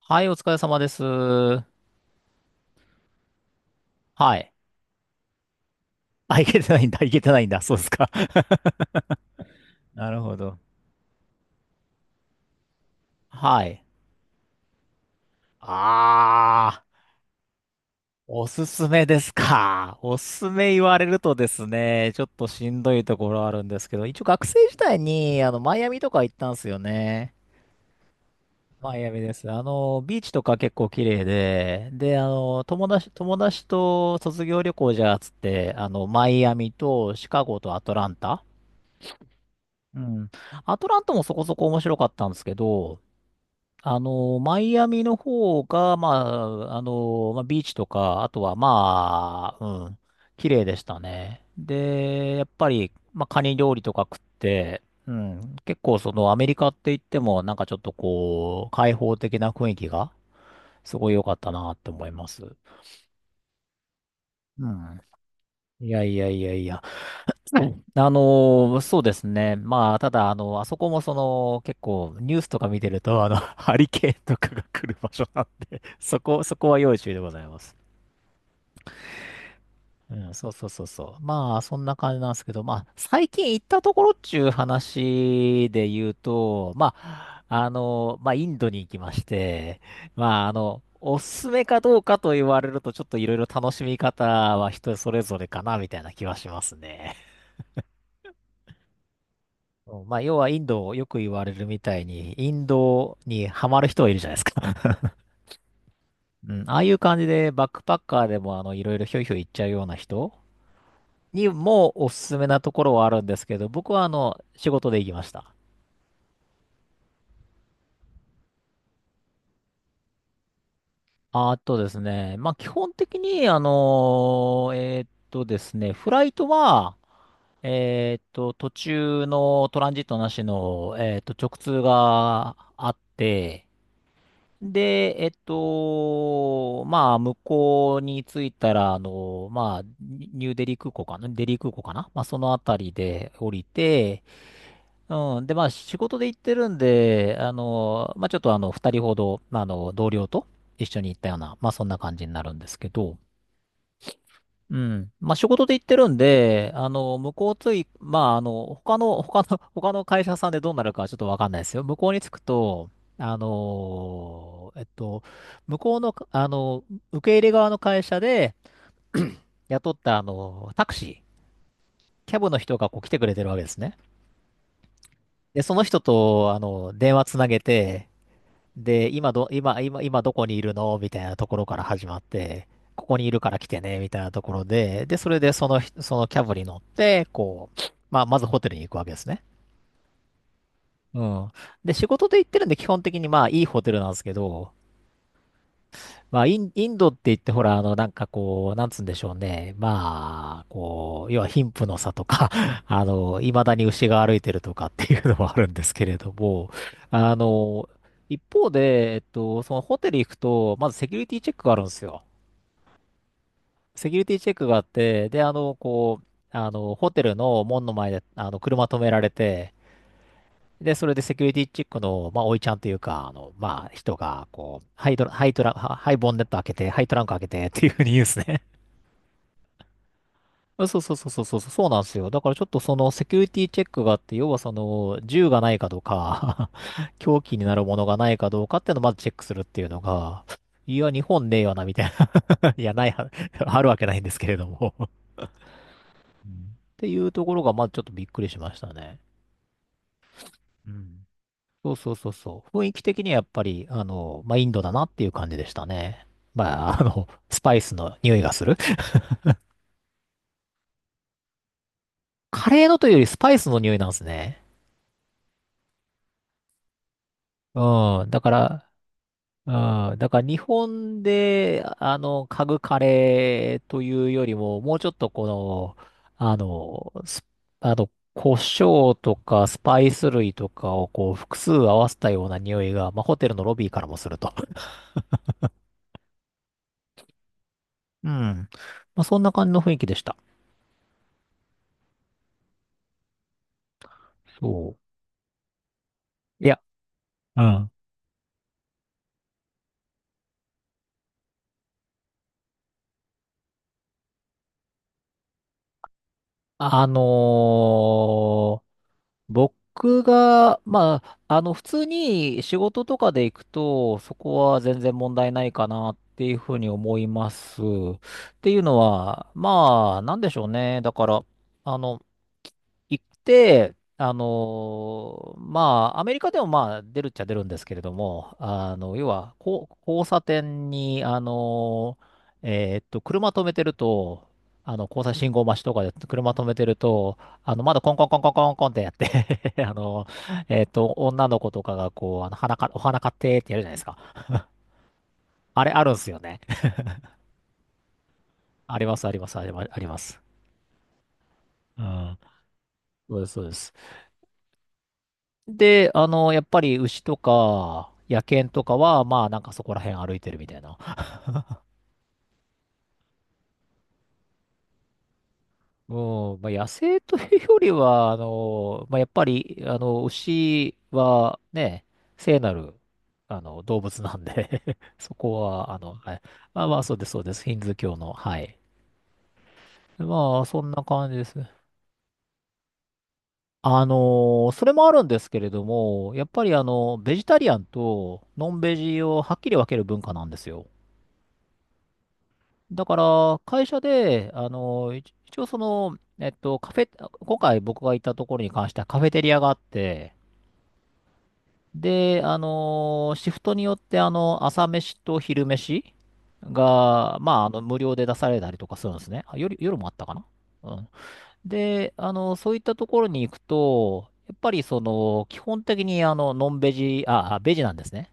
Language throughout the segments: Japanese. はい、お疲れ様です。はい。あ、いけてないんだ、いけてないんだ。そうですか。なるほど。はい。あー、おすすめですか。おすすめ言われるとですね、ちょっとしんどいところあるんですけど、一応学生時代に、マイアミとか行ったんですよね。マイアミです。ビーチとか結構綺麗で、友達と卒業旅行じゃあっつって、マイアミとシカゴとアトランタ。うん。アトランタもそこそこ面白かったんですけど、マイアミの方が、まあ、ビーチとか、あとはまあ、綺麗でしたね。で、やっぱり、まあ、カニ料理とか食って、結構そのアメリカって言っても、なんかちょっとこう、開放的な雰囲気が、すごい良かったなって思います。うん。いやいやいやいや。はい、あのそうですね。まあ、ただ、あそこもその、結構、ニュースとか見てると、ハリケーンとかが来る場所なんで、そこは要注意でございます。うん、そうそうそうそう。まあ、そんな感じなんですけど、まあ、最近行ったところっちゅう話で言うと、まあ、インドに行きまして、まあ、おすすめかどうかと言われると、ちょっといろいろ楽しみ方は人それぞれかな、みたいな気はしますね。そう、まあ、要はインド、よく言われるみたいに、インドにハマる人はいるじゃないですか。うん、ああいう感じで、バックパッカーでも、いろいろひょいひょい行っちゃうような人にもおすすめなところはあるんですけど、僕は、仕事で行きました。あとですね、まあ、基本的に、あのーえーっとですね、フライトは、途中のトランジットなしの、直通があって、で、まあ、向こうに着いたら、まあ、ニューデリー空港かな、デリー空港かな、まあ、そのあたりで降りて、うん。で、まあ、仕事で行ってるんで、まあ、ちょっと二人ほど、まあ、同僚と一緒に行ったような、まあ、そんな感じになるんですけど、うん。まあ、仕事で行ってるんで、向こうつい、まあ、他の会社さんでどうなるかはちょっとわかんないですよ。向こうに着くと、あの、えっと、向こうの、受け入れ側の会社で雇った、タクシー、キャブの人がこう来てくれてるわけですね。で、その人と、電話つなげて、で、今どこにいるのみたいなところから始まって、ここにいるから来てね、みたいなところで、で、それでそのキャブに乗って、こう、まあ、まずホテルに行くわけですね。うん。で、仕事で行ってるんで、基本的にまあ、いいホテルなんですけど、まあ、インドって言ってほら、なんかこう、なんつうんでしょうね。まあ、こう、要は貧富の差とか、未だに牛が歩いてるとかっていうのもあるんですけれども、あの、一方で、そのホテル行くと、まずセキュリティチェックがあるんですよ。セキュリティチェックがあって、で、こう、ホテルの門の前で、車止められて、で、それでセキュリティチェックの、まあ、おいちゃんというか、人が、こう、ハイドラ、ハイトラ、ハハイボンネット開けて、ハイトランク開けてっていうふうに言うんですね。そうそうそうそうそうそう、そうなんですよ。だからちょっとそのセキュリティチェックがあって、要はその、銃がないかどうか、 凶器になるものがないかどうかっていうのをまずチェックするっていうのが、いや、日本ねえよな、みたいな。いや、ないは、あるわけないんですけれども、 うんっていうところが、まずちょっとびっくりしましたね。うん、そうそうそうそう。雰囲気的にはやっぱり、まあ、インドだなっていう感じでしたね。まあ、スパイスの匂いがする。カレーのというよりスパイスの匂いなんですね。うん。だから、うん。だから日本で、嗅ぐカレーというよりも、もうちょっとこの、あの、スあの、胡椒とかスパイス類とかをこう複数合わせたような匂いが、まあ、ホテルのロビーからもすると。うん。まあ、そんな感じの雰囲気でした。そう。いや、うん。あのー、僕が、まあ、普通に仕事とかで行くと、そこは全然問題ないかなっていうふうに思います。っていうのは、まあ、なんでしょうね。だから、あの、行って、まあ、アメリカでもまあ、出るっちゃ出るんですけれども、要は、こう、交差点に、車止めてると、交差信号待ちとかで車止めてると、窓コンコンコンコンコンコンってやって、 女の子とかがこう、花か、お花買ってってやるじゃないですか。あれあるんすよね。あります、あります、ありますあります。うん。そうです、そうです。で、やっぱり牛とか、野犬とかは、まあ、なんかそこら辺歩いてるみたいな。うん、まあ、野生というよりは、やっぱり、牛はね、聖なる、動物なんで、 そこは、はい。まあまあ、そうです、そうです。ヒンズー教の、はい。まあ、そんな感じですね。それもあるんですけれども、やっぱりベジタリアンとノンベジをはっきり分ける文化なんですよ。だから、会社で、一応その、カフェ、今回僕が行ったところに関してはカフェテリアがあって、で、シフトによって、朝飯と昼飯が、まあ、無料で出されたりとかするんですね。あ、夜もあったかな。うん。で、そういったところに行くと、やっぱりその、基本的にノンベジ、あ、ベジなんですね。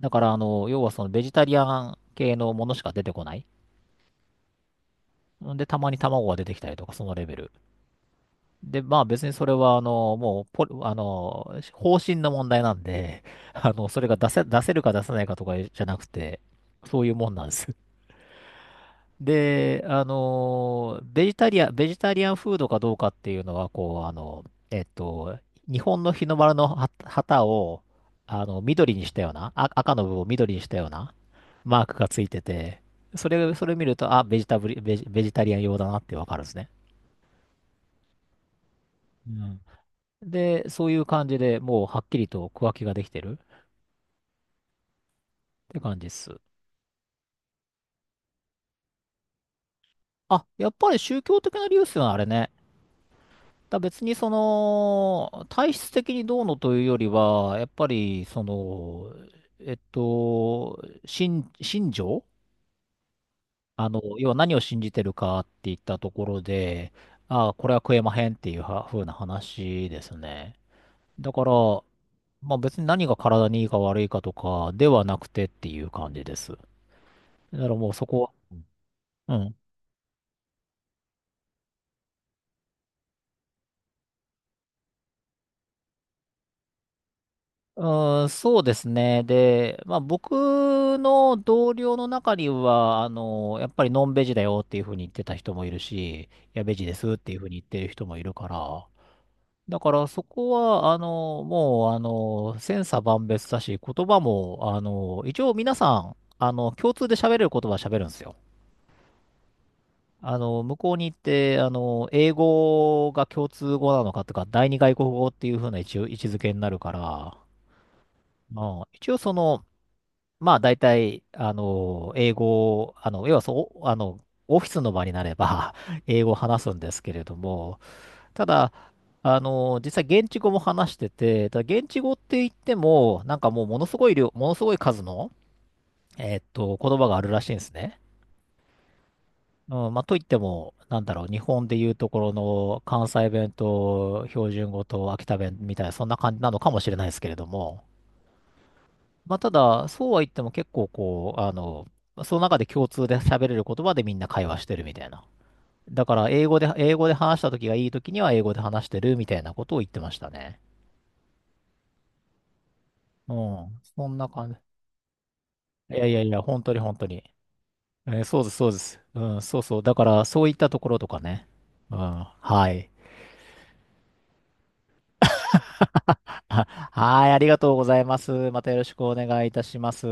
だから要はそのベジタリアン系のものしか出てこない。んで、たまに卵が出てきたりとか、そのレベル。で、まあ別にそれはあの、もうポリ、あの、方針の問題なんで、それが出せるか出せないかとかじゃなくて、そういうもんなんです。で、あのベジタリアン、ベジタリアンフードかどうかっていうのは、こう、えっと、日本の日の丸の旗を、緑にしたような、あ、赤の部分を緑にしたようなマークがついてて、それ見ると、あ、ベジタリアン用だなってわかるんですね。うん。で、そういう感じでもうはっきりと区分けができてるって感じです。あ、やっぱり宗教的な理由っすよね、あれね。だ別にその、体質的にどうのというよりは、やっぱり、その、信条、要は何を信じてるかって言ったところで、ああ、これは食えまへんっていうは風な話ですね。だから、まあ別に何が体にいいか悪いかとかではなくてっていう感じです。だからもうそこは、うんうそうですね。で、まあ僕の同僚の中には、やっぱりノンベジだよっていうふうに言ってた人もいるし、や、ベジですっていうふうに言ってる人もいるから、だからそこは、もう、千差万別だし、言葉も、一応皆さん、共通で喋れる言葉は喋るんですよ。向こうに行って、英語が共通語なのかとか、第二外国語っていうふうな一応位置づけになるから、まあ、一応その、まあ大体、英語を、要はそう、オフィスの場になれば、 英語を話すんですけれども、ただ、実際現地語も話してて、ただ現地語って言っても、なんかもうものすごい量、ものすごい数の、言葉があるらしいんですね。うん、まあ、といっても、なんだろう、日本で言うところの関西弁と標準語と秋田弁みたいな、そんな感じなのかもしれないですけれども、まあ、ただ、そうは言っても結構こう、その中で共通で喋れる言葉でみんな会話してるみたいな。だから、英語で話した時がいい時には英語で話してるみたいなことを言ってましたね。うん。そんな感じ。いやいやいや、本当に本当に。そうです、そうです。うん、そうそう。だから、そういったところとかね。うん。はい。はい、ありがとうございます。またよろしくお願いいたします。